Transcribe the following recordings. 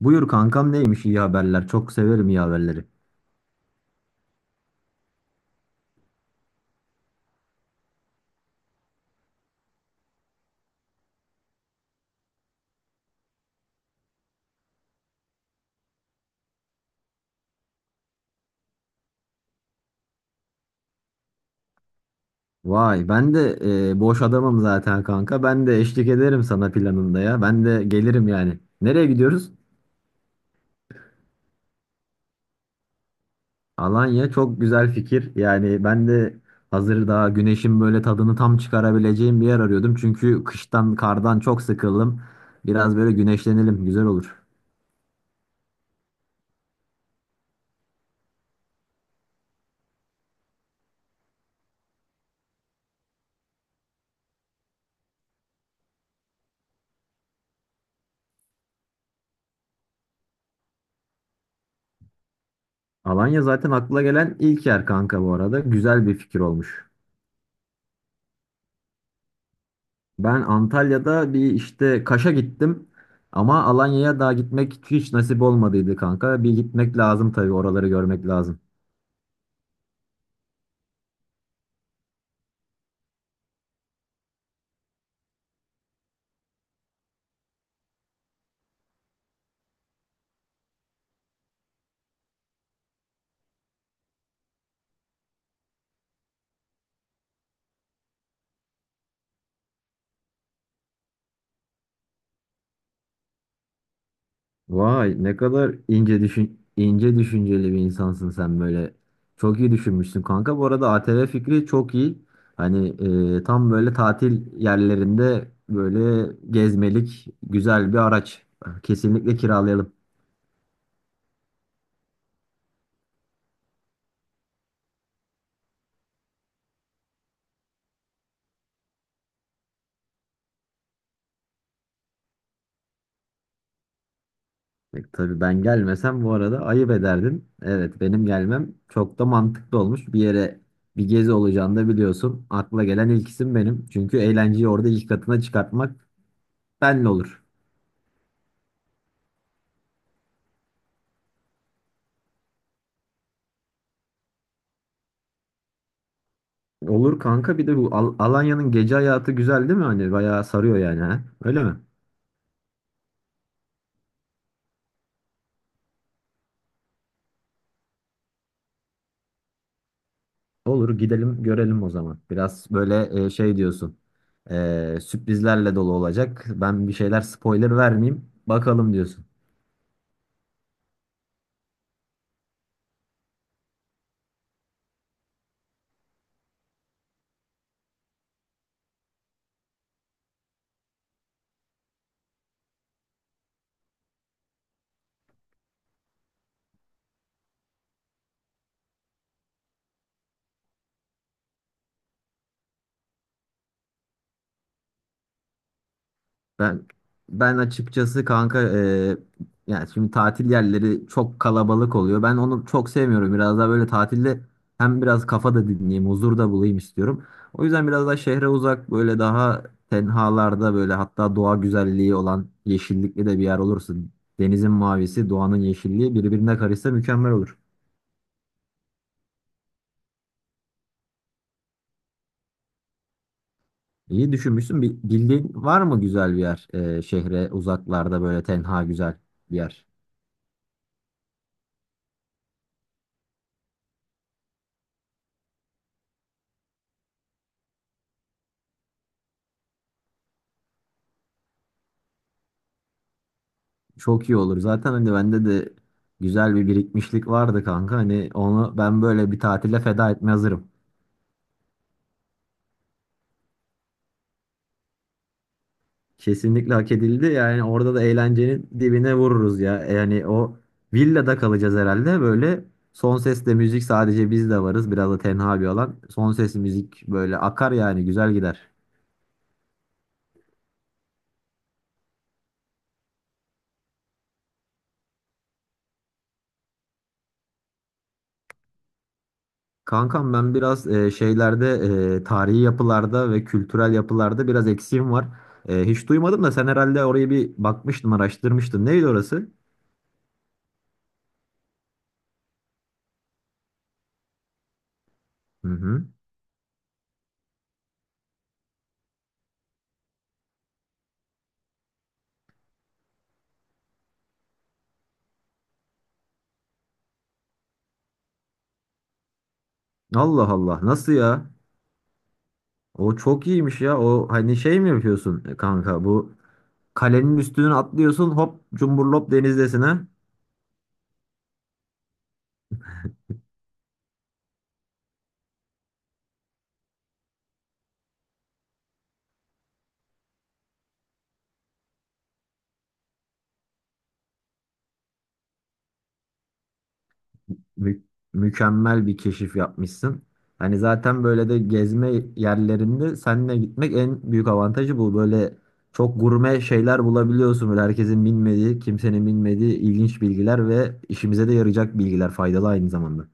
Buyur kankam, neymiş iyi haberler? Çok severim iyi haberleri. Vay ben de boş adamım zaten kanka. Ben de eşlik ederim sana planında ya. Ben de gelirim yani. Nereye gidiyoruz? Alanya çok güzel fikir. Yani ben de hazır daha güneşin böyle tadını tam çıkarabileceğim bir yer arıyordum. Çünkü kıştan kardan çok sıkıldım. Biraz böyle güneşlenelim, güzel olur. Alanya zaten akla gelen ilk yer kanka bu arada. Güzel bir fikir olmuş. Ben Antalya'da bir işte Kaş'a gittim. Ama Alanya'ya daha gitmek hiç nasip olmadıydı kanka. Bir gitmek lazım tabii, oraları görmek lazım. Vay, ne kadar ince düşünceli bir insansın sen böyle. Çok iyi düşünmüşsün kanka. Bu arada ATV fikri çok iyi. Hani tam böyle tatil yerlerinde böyle gezmelik güzel bir araç. Kesinlikle kiralayalım. Tabii ben gelmesem bu arada ayıp ederdin. Evet, benim gelmem çok da mantıklı olmuş. Bir yere bir gezi olacağını da biliyorsun. Akla gelen ilk isim benim. Çünkü eğlenceyi orada ilk katına çıkartmak benle olur. Olur kanka, bir de bu Alanya'nın gece hayatı güzel değil mi? Hani bayağı sarıyor yani ha? Öyle mi? Olur, gidelim görelim o zaman. Biraz böyle şey diyorsun. Sürprizlerle dolu olacak. Ben bir şeyler spoiler vermeyeyim, bakalım diyorsun. Ben ben açıkçası kanka, yani şimdi tatil yerleri çok kalabalık oluyor. Ben onu çok sevmiyorum. Biraz daha böyle tatilde hem biraz kafa da dinleyeyim, huzur da bulayım istiyorum. O yüzden biraz daha şehre uzak, böyle daha tenhalarda, böyle hatta doğa güzelliği olan yeşillikli de bir yer olursa, denizin mavisi, doğanın yeşilliği birbirine karışsa mükemmel olur. İyi düşünmüşsün. Bir, bildiğin var mı güzel bir yer, şehre uzaklarda böyle tenha güzel bir yer? Çok iyi olur. Zaten hani bende de güzel bir birikmişlik vardı kanka. Hani onu ben böyle bir tatile feda etmeye hazırım. Kesinlikle hak edildi. Yani orada da eğlencenin dibine vururuz ya. Yani o villada kalacağız herhalde. Böyle son sesle müzik, sadece biz de varız. Biraz da tenha bir alan. Son ses müzik böyle akar yani, güzel gider. Kankam ben biraz şeylerde, tarihi yapılarda ve kültürel yapılarda biraz eksiğim var. Hiç duymadım da sen herhalde orayı bir bakmıştın, araştırmıştın. Neydi orası? Hı hı. Allah Allah, nasıl ya? O çok iyiymiş ya. O hani şey mi yapıyorsun kanka? Bu kalenin üstüne atlıyorsun, hop cumburlop denizdesine. Mü- mükemmel bir keşif yapmışsın. Hani zaten böyle de gezme yerlerinde seninle gitmek en büyük avantajı bu. Böyle çok gurme şeyler bulabiliyorsun. Böyle herkesin bilmediği, kimsenin bilmediği ilginç bilgiler ve işimize de yarayacak bilgiler, faydalı aynı zamanda.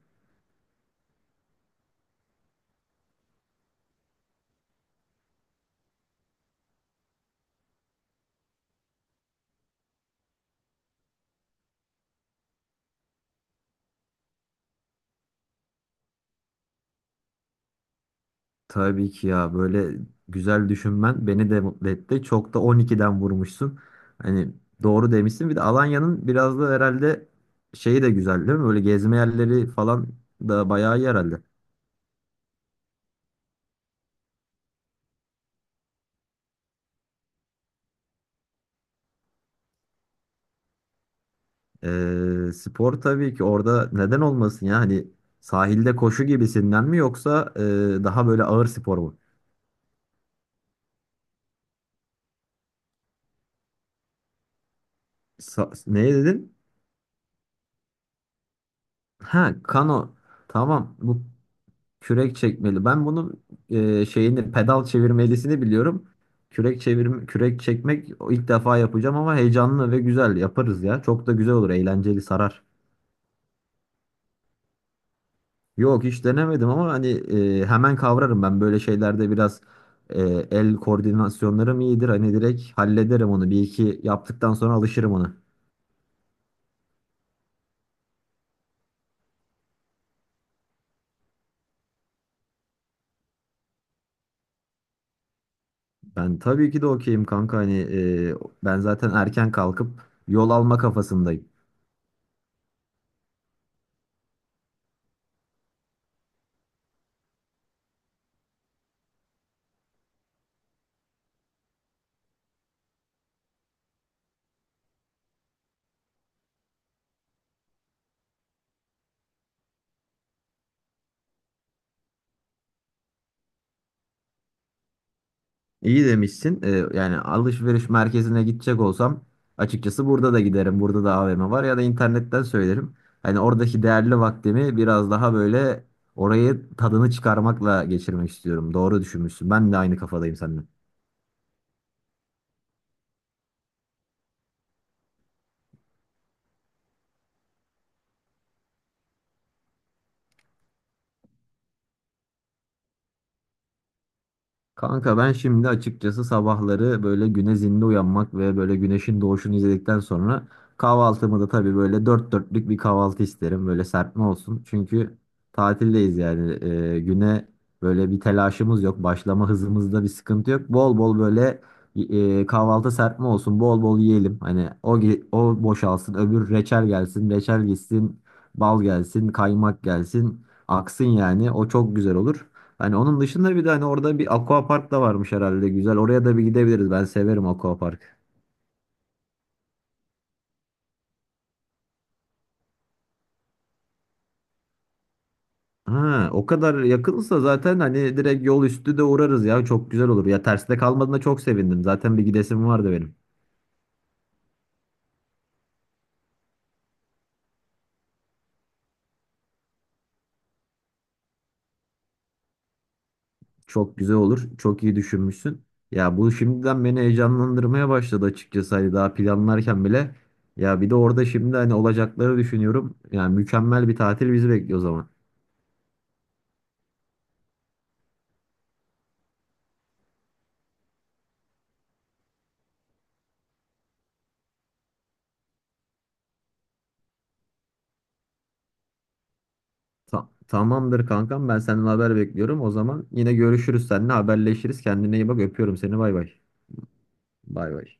Tabii ki ya, böyle güzel düşünmen beni de mutlu etti. Çok da 12'den vurmuşsun. Hani doğru demişsin. Bir de Alanya'nın biraz da herhalde şeyi de güzel değil mi? Böyle gezme yerleri falan da bayağı iyi herhalde. Spor tabii ki orada, neden olmasın ya? Hani sahilde koşu gibisinden mi, yoksa daha böyle ağır spor mu? Ne dedin? Ha, kano. Tamam. Bu kürek çekmeli. Ben bunun şeyini, pedal çevirmelisini biliyorum. Kürek çekmek o ilk defa yapacağım ama heyecanlı ve güzel yaparız ya. Çok da güzel olur, eğlenceli sarar. Yok, hiç denemedim ama hani hemen kavrarım ben böyle şeylerde. Biraz e, el koordinasyonlarım iyidir. Hani direkt hallederim onu. Bir iki yaptıktan sonra alışırım ona. Ben tabii ki de okeyim kanka, hani e, ben zaten erken kalkıp yol alma kafasındayım. İyi demişsin. Yani alışveriş merkezine gidecek olsam açıkçası burada da giderim. Burada da AVM var, ya da internetten söylerim. Hani oradaki değerli vaktimi biraz daha böyle orayı tadını çıkarmakla geçirmek istiyorum. Doğru düşünmüşsün. Ben de aynı kafadayım seninle. Kanka ben şimdi açıkçası sabahları böyle güne zinde uyanmak ve böyle güneşin doğuşunu izledikten sonra kahvaltımı da tabii böyle dört dörtlük bir kahvaltı isterim. Böyle serpme olsun. Çünkü tatildeyiz yani. Güne böyle bir telaşımız yok. Başlama hızımızda bir sıkıntı yok. Bol bol böyle kahvaltı serpme olsun. Bol bol yiyelim. Hani o boşalsın, öbür reçel gelsin, reçel gitsin, bal gelsin, kaymak gelsin, aksın yani. O çok güzel olur. Hani onun dışında bir de hani orada bir aquapark da varmış herhalde, güzel. Oraya da bir gidebiliriz. Ben severim aquapark. Ha, o kadar yakınsa zaten hani direkt yol üstü de uğrarız ya. Çok güzel olur. Ya terste kalmadığına çok sevindim. Zaten bir gidesim vardı benim. Çok güzel olur. Çok iyi düşünmüşsün. Ya bu şimdiden beni heyecanlandırmaya başladı açıkçası. Hani daha planlarken bile. Ya bir de orada şimdi hani olacakları düşünüyorum. Yani mükemmel bir tatil bizi bekliyor o zaman. Tamamdır kankam, ben senden haber bekliyorum. O zaman yine görüşürüz, seninle haberleşiriz. Kendine iyi bak, öpüyorum seni, bay bay. Bay bay.